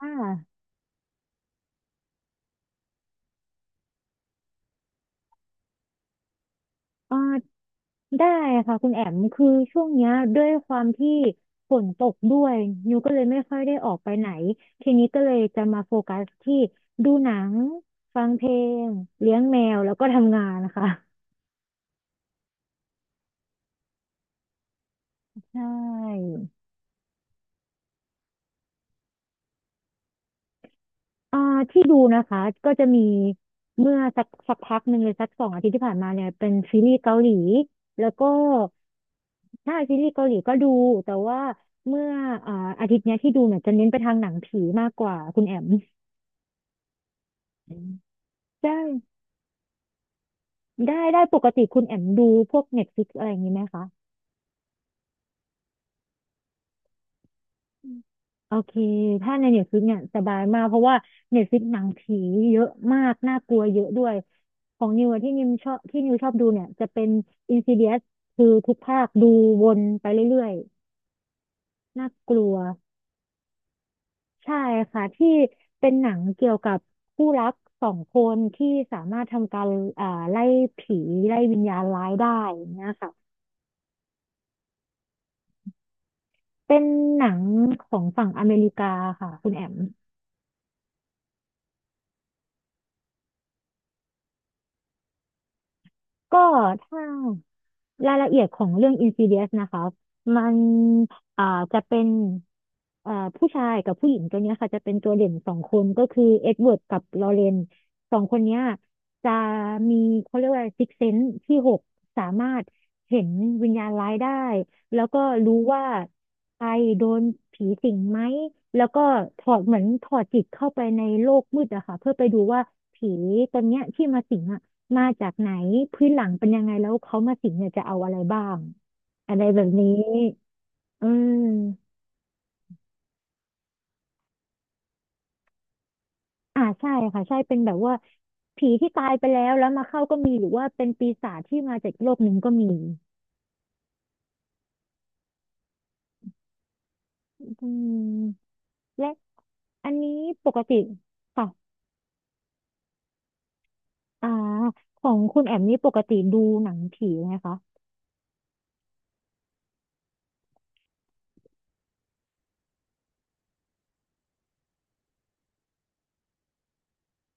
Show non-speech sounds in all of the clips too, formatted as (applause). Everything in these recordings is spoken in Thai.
อ่าอ่าได้ค่ะคุณแอมคือช่วงเนี้ยด้วยความที่ฝนตกด้วยนิวก็เลยไม่ค่อยได้ออกไปไหนทีนี้ก็เลยจะมาโฟกัสที่ดูหนังฟังเพลงเลี้ยงแมวแล้วก็ทำงานนะคะใช่ อ่าที่ดูนะคะก็จะมีเมื่อสักพักหนึ่งเลยสัก2 อาทิตย์ที่ผ่านมาเนี่ยเป็นซีรีส์เกาหลีแล้วก็ใช่ซีรีส์เกาหลีก็ดูแต่ว่าเมื่ออ่าอาทิตย์เนี้ยที่ดูเนี่ยจะเน้นไปทางหนังผีมากกว่าคุณแอมอืมใช่ได้ได้ปกติคุณแอมดูพวกเน็ f l i ิอะไรอย่างนี้ไหมคะ โอเคถ้าในเน็ตฟลิกเนี่ยสบายมากเพราะว่าเน็ตฟลิกหนังผีเยอะมากน่ากลัวเยอะด้วยของนิวอะที่นิวชอบดูเนี่ยจะเป็น Insidious คือทุกภาคดูวนไปเรื่อยๆน่ากลัวใช่ค่ะที่เป็นหนังเกี่ยวกับคู่รักสองคนที่สามารถทำการไล่ผีไล่วิญญาณร้ายได้อย่างเงี้ยค่ะเป็นหนังของฝั่งอเมริกาค่ะคุณแอม ก็ถ้ารายละเอียดของเรื่อง Insidious นะคะมันอ่าจะเป็นผู้ชายกับผู้หญิงตัวเนี้ยค่ะจะเป็นตัวเด่นสองคนก็คือเอ็ดเวิร์ดกับลอเรนสองคนเนี้ยจะมีเขาเรียกว่าซิกเซนส์ที่ 6สามารถเห็นวิญญาณร้ายได้แล้วก็รู้ว่าใครโดนผีสิงไหมแล้วก็ถอดเหมือนถอดจิตเข้าไปในโลกมืดอะค่ะเพื่อไปดูว่าผีตัวเนี้ยที่มาสิงอะ มาจากไหนพื้นหลังเป็นยังไงแล้วเขามาสิงเนี่ยจะเอาอะไรบ้างอะไรแบบนี้อืมใช่ค่ะใช่เป็นแบบว่าผีที่ตายไปแล้วแล้วมาเข้าก็มีหรือว่าเป็นปีศาจที่มาจากโลกหนึ่งก็มีอืมและอันนี้ปกติค่ะอ่าของคุณแอมนี่ปกติดูหนังผีไหมคะ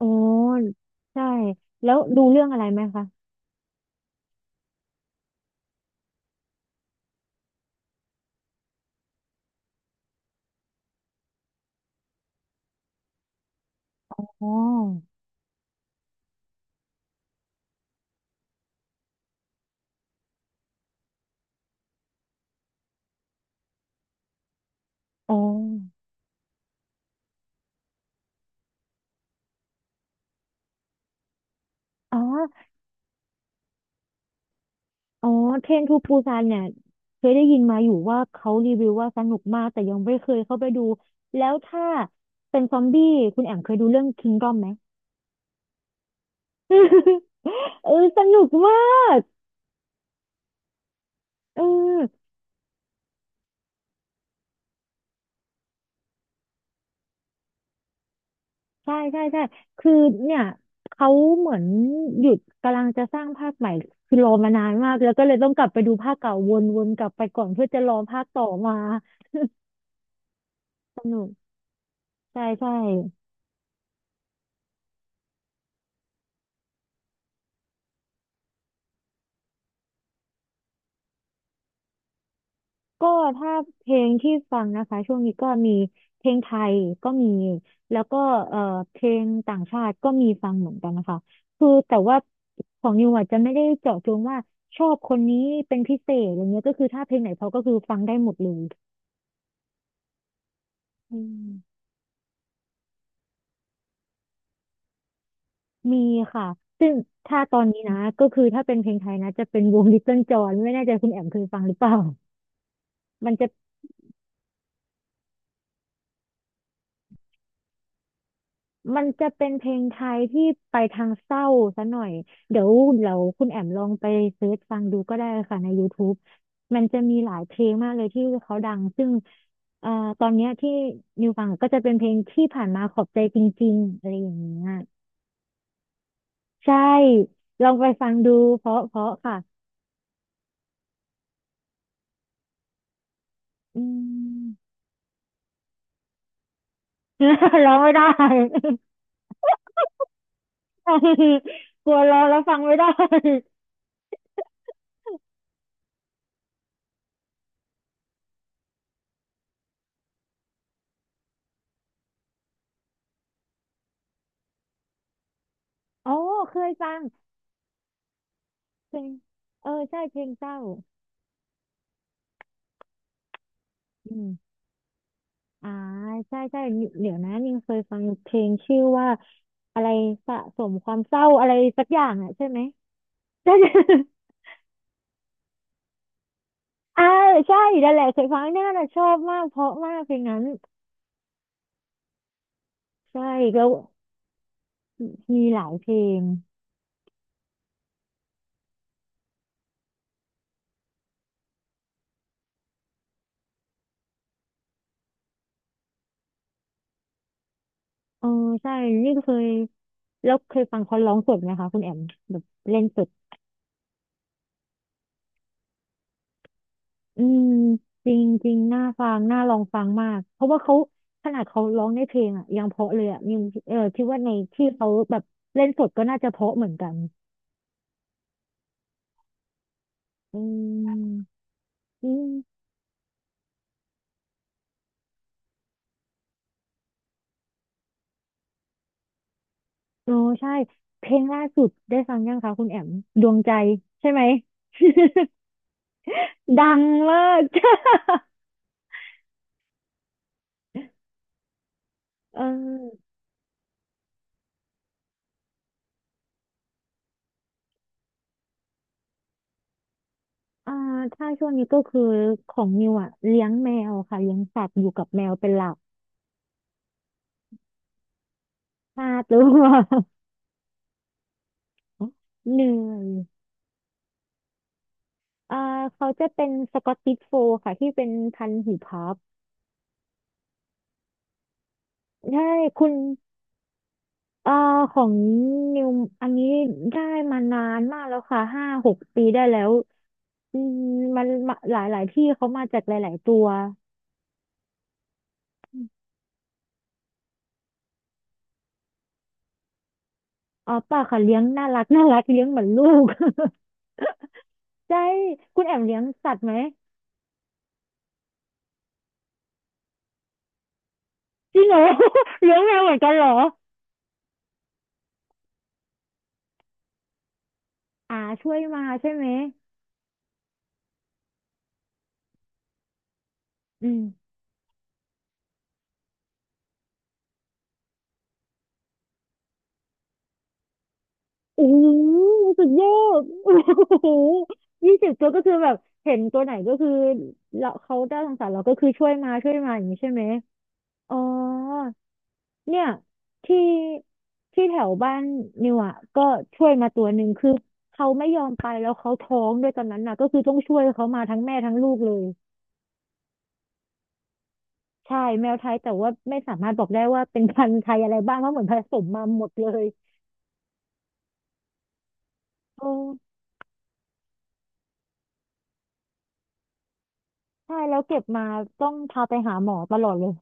อ๋อใช่แล้วดูเรื่องอะไรไหมคะอ๋ออ๋ออ๋อ อ๋อเทรนทูปูซานเนี่ยเคยได้ยินมาอยู่ว่าเขารีวิวว่าสนุกมากแต่ยังไม่เคยเข้าไปดูแล้วถ้าเป็นซอมบี้คุณแอมเคยดูเรื่องคิงดอมไหม (laughs) เออสนุกมากเออใช่ใช่ใช่คือเนี่ยเขาเหมือนหยุดกำลังจะสร้างภาคใหม่คือรอมานานมากแล้วก็เลยต้องกลับไปดูภาคเก่าวนๆกลับไปก่อนเพื่อจะรอภาคต่อมาสนุกใช่ใช่ ก็ถ้าเพลงที่ฟังนะคะช่วงนี้ก็มีเพลงไทยก็มีแล้วก็เอ่อเพลงต่างชาติก็มีฟังเหมือนกันนะคะคือแต่ว่าของนิวอาจจะไม่ได้เจาะจงว่าชอบคนนี้เป็นพิเศษอะไรเงี้ยก็คือถ้าเพลงไหนเพราะก็คือฟังได้หมดเลยอืมมีค่ะซึ่งถ้าตอนนี้นะก็คือถ้าเป็นเพลงไทยนะจะเป็นวง Little John ไม่แน่ใจคุณแอมเคยฟังหรือเปล่ามันจะ มันจะเป็นเพลงไทยที่ไปทางเศร้าซะหน่อยเดี๋ยวเราคุณแอมลองไปเซิร์ชฟังดูก็ได้ค่ะใน YouTube มันจะมีหลายเพลงมากเลยที่เขาดังซึ่งเอ่อตอนเนี้ยที่นิวฟังก็จะเป็นเพลงที่ผ่านมาขอบใจจริงๆอะไรอย่างเงี้ยใช่ลองไปฟังดูเพราะเพราะค่ะอืม (laughs) ร้องไม่ได้ (laughs) กลัวร้องแล้วฟังไม่ได้อ๋อเคยฟังเพลงเออใช่เพลงเศร้าอืม อ่าใช่ใช่เดี๋ยวนะนิงเคยฟังเพลงชื่อว่าอะไรสะสมความเศร้าอะไรสักอย่างอ่ะใช่ไหม (laughs) ใช่ (laughs) อ่าใช่นั่นแหละเคยฟังน่นน่ะชอบมากเพราะมากเพลงนั้นใช่แล้วมีหลายเพลงเออใช่นี่เคยแล้วเคยฟังเขาร้องสดไหมคะคุณแอมแบบเล่นสด อืมจริงจริงน่าฟังน่าลองฟังมากเพราะว่าเขาขนาดเขาร้องในเพลงอ่ะยังเพราะเลยอ่ะยังเออคิดว่าในที่เขาแบบเล่นสดก็น่าจะเพราะเหมือนกันอืมอืมโอ้ใช่เพลงล่าสุดได้ฟังยังคะคุณแอมดวงใจใช่ไหม (laughs) ดังมาก (laughs) เอออ่าถ้าช่วงนี้ก็คือของนิวอ่ะเลี้ยงแมวค่ะเลี้ยงสัตว์อยู่กับแมวเป็นหลัก5 ตัว (laughs) เหนื่อย อ่าเขาจะเป็นสกอตติชโฟลด์ค่ะที่เป็นพันธุ์หูพับใช่คุณเอ่าของนิวอันนี้ได้มานานมากแล้วค่ะ5-6 ปีได้แล้วอืมมันมาหลายหลายที่เขามาจากหลายๆตัวอ๋อเปล่าค่ะเลี้ยงน่ารักน่ารักเลี้ยงเหมือนลูก (laughs) ใช่คุณแอมเลี้ยงสัตว์ไหมจริงเหรอ (laughs) เลี้ยงแมวเหมือนกันเหรออ่าช่วยมาใช่ไหมอืม โอ้โหสุดยอดโอ้โห20 ตัวก็คือแบบเห็นตัวไหนก็คือเราเขาได้สงสารเราก็คือช่วยมาช่วยมาอย่างนี้ใช่ไหมอ๋อเนี่ยที่ที่แถวบ้านนิวอ่ะก็ช่วยมาตัวหนึ่งคือเขาไม่ยอมไปแล้วเขาท้องด้วยตอนนั้นน่ะก็คือต้องช่วยเขามาทั้งแม่ทั้งลูกเลยใช่แมวไทยแต่ว่าไม่สามารถบอกได้ว่าเป็นพันธุ์ไทยอะไรบ้างเพราะเหมือนผสมมาหมดเลยโอ้ใช่แล้วเก็บมาต้องพาไปหาหมอตลอดเลย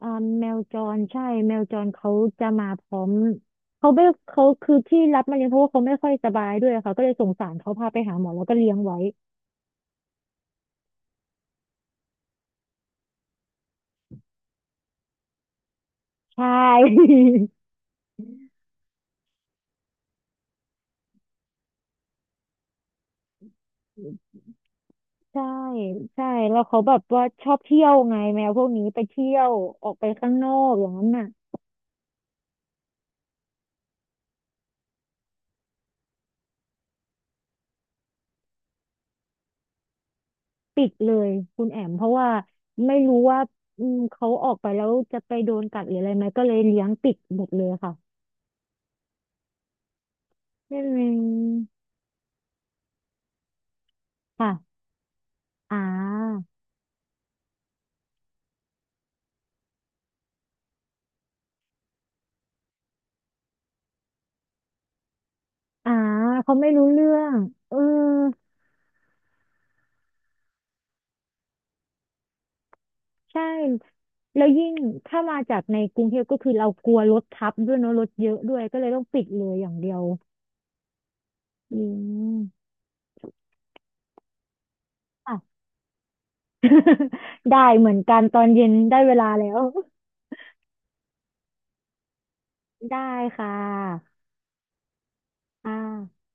อ่าแมวจรใช่แมวจรเขาจะมาพร้อมเขาไม่เขาคือที่รับมาเลี้ยงเพราะว่าเขาไม่ค่อยสบายด้วยค่ะก็เลยสงสารเขาพาไปหาหมอแล้วก็เลี้ยงไว้ใช่ (laughs) ใช่ใช่แล้วเขาแบบว่าชอบเที่ยวไงแมวพวกนี้ไปเที่ยวออกไปข้างนอกอย่างนั้นน่ะปิดเลยคุณแอมเพราะว่าไม่รู้ว่าเขาออกไปแล้วจะไปโดนกัดหรืออะไรไหมก็เลยเลี้ยงปิดหมดเลยค่ะนี่เองค่ะอ่า อ่าเขาไม่รู้เรื่อง เออใช่แล้วยิ่งถ้ามาจากในกรุงเทพก็คือเรากลัวรถทับด้วยเนอะรถเยอะด้วยก็เลยต้องปิดเลยอย่างเดียวอืมค่ะ (laughs) ได้เหมือนกันตอนเย็นได้เวลาแล้ว (laughs) ได้ค่ะอ่า